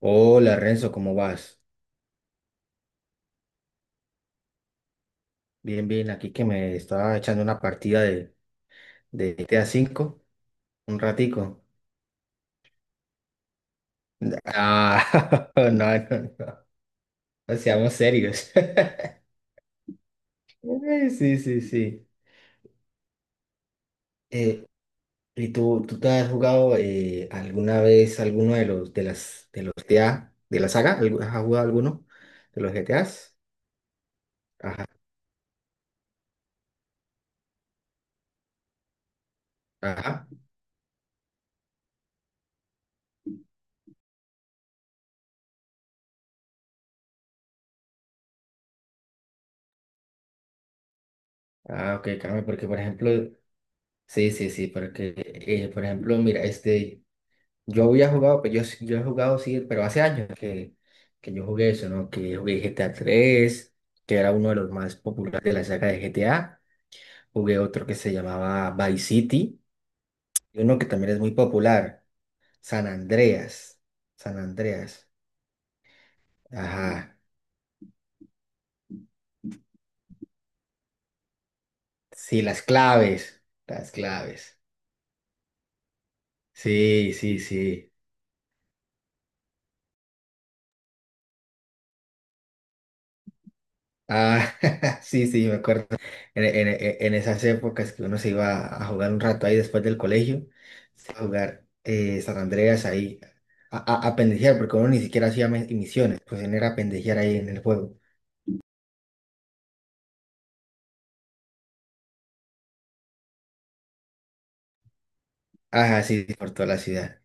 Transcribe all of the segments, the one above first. Hola Renzo, ¿cómo vas? Bien, bien, aquí que me estaba echando una partida de GTA V, un ratico. Ah, no, no, no seamos serios. Sí, sí, sí. Eh, ¿Y tú te has jugado alguna vez alguno de los GTA de la saga? ¿Has jugado alguno de los GTAs? Ajá, ajá. Ah, ok, Carmen, porque por ejemplo, sí, sí, sí, porque por ejemplo, mira, este. Yo había jugado, pero yo he jugado, sí, pero hace años que yo jugué eso, ¿no? Que jugué GTA tres, que era uno de los más populares de la saga de GTA. Jugué otro que se llamaba Vice City, y uno que también es muy popular, San Andreas. San Andreas. Ajá. Sí, las claves. Las claves. Sí, sí, sí. Ah, sí, sí, me acuerdo. En esas épocas que uno se iba a jugar un rato ahí después del colegio, se iba a jugar San Andreas ahí, a, a pendejear, porque uno ni siquiera hacía misiones. Pues uno era a pendejear ahí en el juego. Ajá, sí, sí, por toda la ciudad.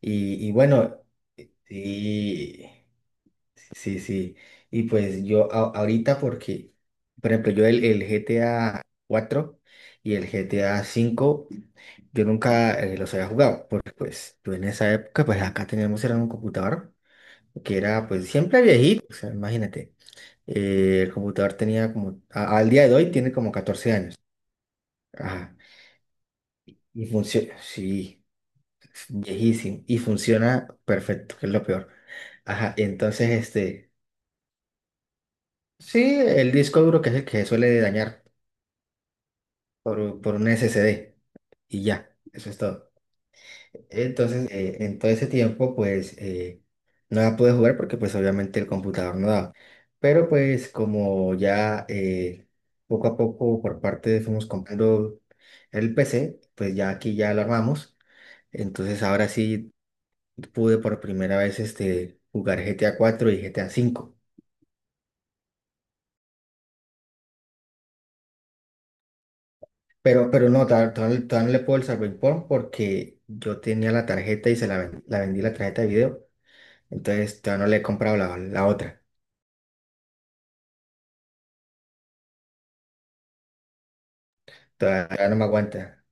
Y bueno, sí, sí, sí. Y pues yo ahorita, porque, por ejemplo, yo el GTA cuatro y el GTA cinco. Yo nunca los había jugado, porque pues yo en esa época, pues acá teníamos era un computador que era pues siempre viejito, o sea, imagínate, el computador tenía como, al día de hoy tiene como 14 años, ajá, y funciona, sí, es viejísimo, y funciona perfecto, que es lo peor, ajá, entonces este, sí, el disco duro que es el que se suele dañar, por un SSD, y ya, eso es todo. Entonces, en todo ese tiempo, pues, no la pude jugar porque, pues, obviamente el computador no daba. Pero, pues, como ya poco a poco por parte fuimos comprando el PC. Pues ya aquí ya lo armamos. Entonces, ahora sí pude por primera vez este, jugar GTA cuatro y GTA cinco. Pero no, no todavía no le puedo el Cyberpunk porque yo tenía la tarjeta y la vendí, la tarjeta de video. Entonces, todavía no le he comprado la otra. Todavía no me aguanta.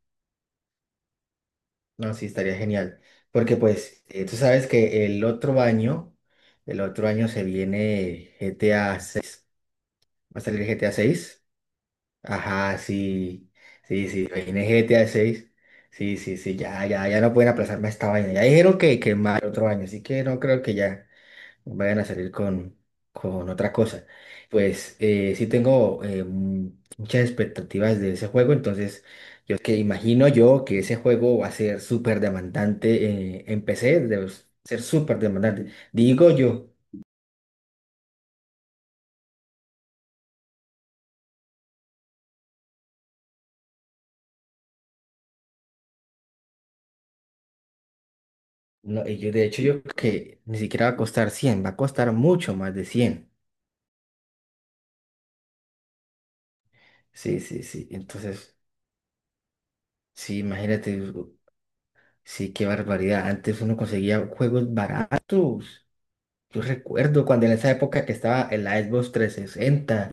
No, sí, estaría genial. Porque pues tú sabes que el otro año se viene G T A seis. ¿Va a salir G T A seis? Ajá, sí, sí, sí, viene G T A seis. Sí, sí, sí, ya, ya, ya no pueden aplazarme esta vaina. Ya dijeron que más el otro año, así que no creo que ya vayan a salir con otra cosa. Pues sí tengo muchas expectativas de ese juego. Entonces yo que imagino yo que ese juego va a ser súper demandante en PC, debe ser súper demandante. Digo yo, no, y yo de hecho yo creo que ni siquiera va a costar 100, va a costar mucho más de 100. Sí, sí, sí, entonces sí, imagínate, sí, qué barbaridad. Antes uno conseguía juegos baratos. Yo recuerdo cuando en esa época que estaba el Xbox 360,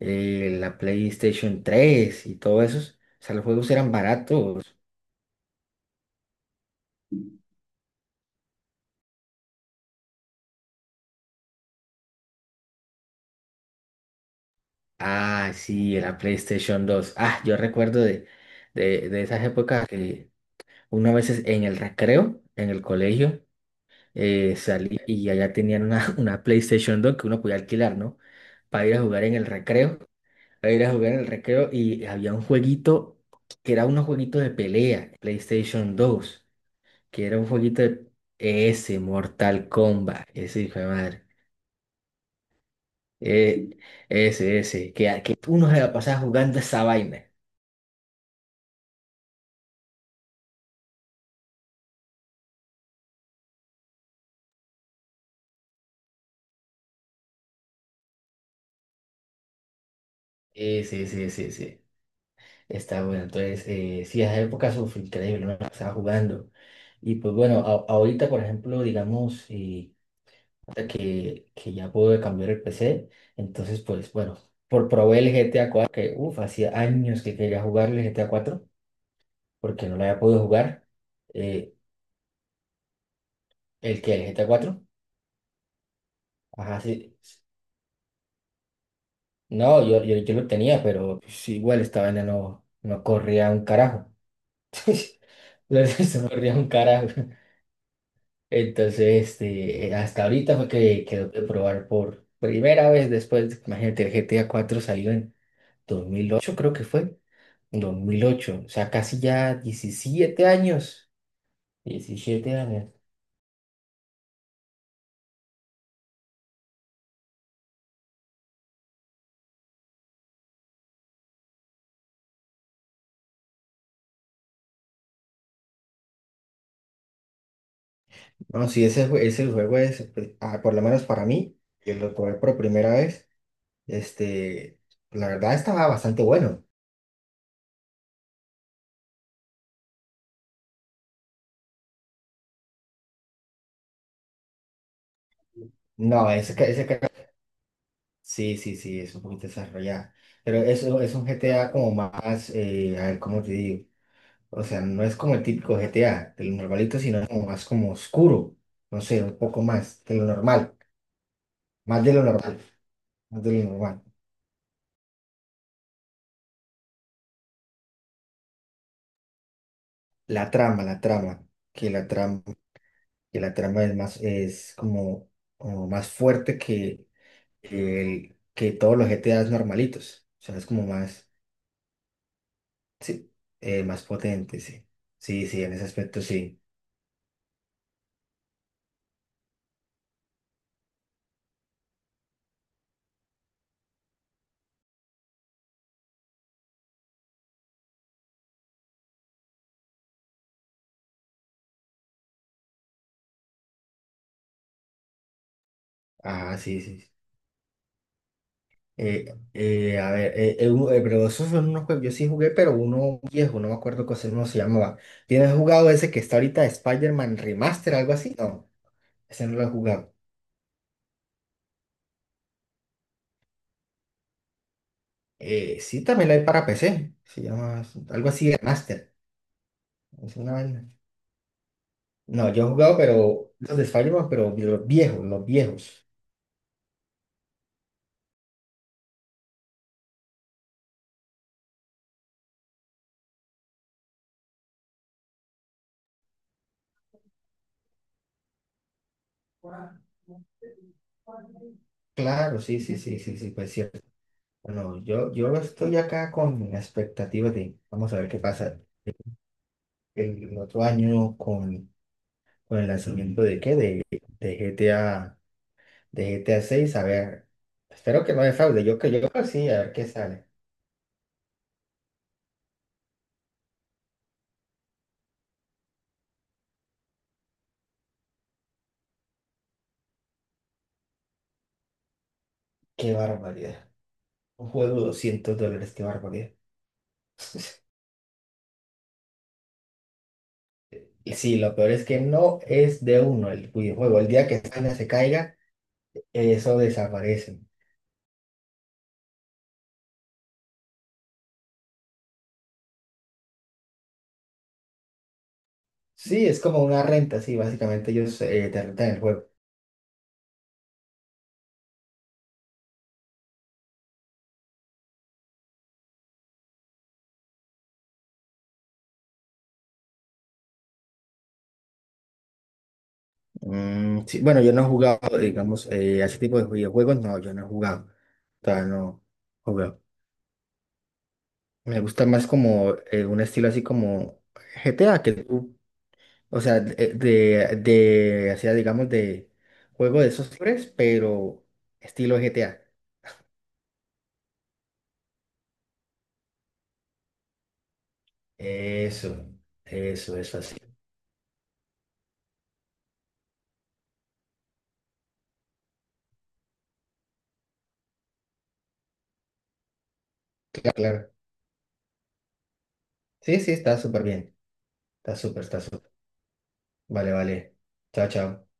la PlayStation 3 y todo eso. O sea, los juegos eran baratos. Ah, sí, la PlayStation 2. Ah, yo recuerdo de, de esas épocas que uno a veces en el recreo, en el colegio, salía y allá tenían una, una PlayStation 2 que uno podía alquilar, ¿no? Para ir a jugar en el recreo, para ir a jugar en el recreo y había un jueguito que era unos jueguitos de pelea, PlayStation 2. Quiero un poquito de ese Mortal Kombat, ese hijo de madre. Eh, ese, ese, que uno se va a pasar jugando esa vaina. Ese, ese, ese, ese. Está bueno. Entonces, sí, esa época eso fue increíble, no me la pasaba jugando. Y pues bueno, ahorita, por ejemplo, digamos, y ahorita que ya pude cambiar el PC, entonces, pues bueno, por probé el GTA cuatro que uff, hacía años que quería jugar el GTA cuatro porque no lo había podido jugar. Eh, ¿El GTA cuatro? Ajá, sí. No, yo lo tenía, pero pues, igual esta vaina no corría un carajo. La verdad, no se corría un carajo. Entonces, este, hasta ahorita fue que quedó de probar por primera vez después, imagínate, el GTA cuatro salió en 2008, creo que fue, 2008, o sea, casi ya 17 años, 17 años. No, sí, ese, ese juego es, pues, por lo menos para mí, que lo probé por primera vez. Este, la verdad estaba bastante bueno. No, ese, ese sí, sí, sí, es un poquito desarrollado. Pero eso es un GTA como más, a ver, ¿cómo te digo? O sea, no es como el típico GTA, de lo normalito, sino como más, como oscuro. No sé, un poco más de lo normal. Más de lo normal. Más de lo normal. La trama, la trama. Que la trama, que la trama es más, es como, como más fuerte que todos los GTAs normalitos. O sea, es como más. Sí, más potente, sí. Sí, sí, en ese aspecto sí. Ah, sí, sí. Sí. A ver, pero esos son unos juegos, yo sí jugué, pero uno viejo, no me acuerdo cómo se llamaba. ¿Tienes jugado ese que está ahorita Spider-Man Remaster, algo así? No, ese no lo he jugado. Sí, también lo hay para PC, se llama algo así Remaster. Es una vaina. No, yo he jugado, pero los de Spider-Man, pero los viejos, los viejos. Claro, sí, sí, sí, sí, sí, pues cierto. Bueno, yo estoy acá con la expectativa de, vamos a ver qué pasa el otro año con, el lanzamiento de qué, de, de GTA, de GTA 6, a seis, a ver. Espero que no defraude, yo que yo creo que sí, a ver qué sale. Qué barbaridad. Un juego de $200, qué barbaridad. Y sí, lo peor es que no es de uno el videojuego. El día que esa vaina se caiga, eso desaparece. Sí, es como una renta, sí, básicamente ellos te rentan el juego. Mm, sí, bueno, yo no he jugado, digamos, a ese tipo de videojuegos, no, yo no he jugado. Todavía no juego. Me gusta más como un estilo así como GTA, que tú, o sea, hacía, digamos, de juego de esos tres, pero estilo GTA. Eso, eso, eso así. Claro, claro. Sí, sí, está súper bien. Está súper, está súper. Vale, vale. Chao, chao.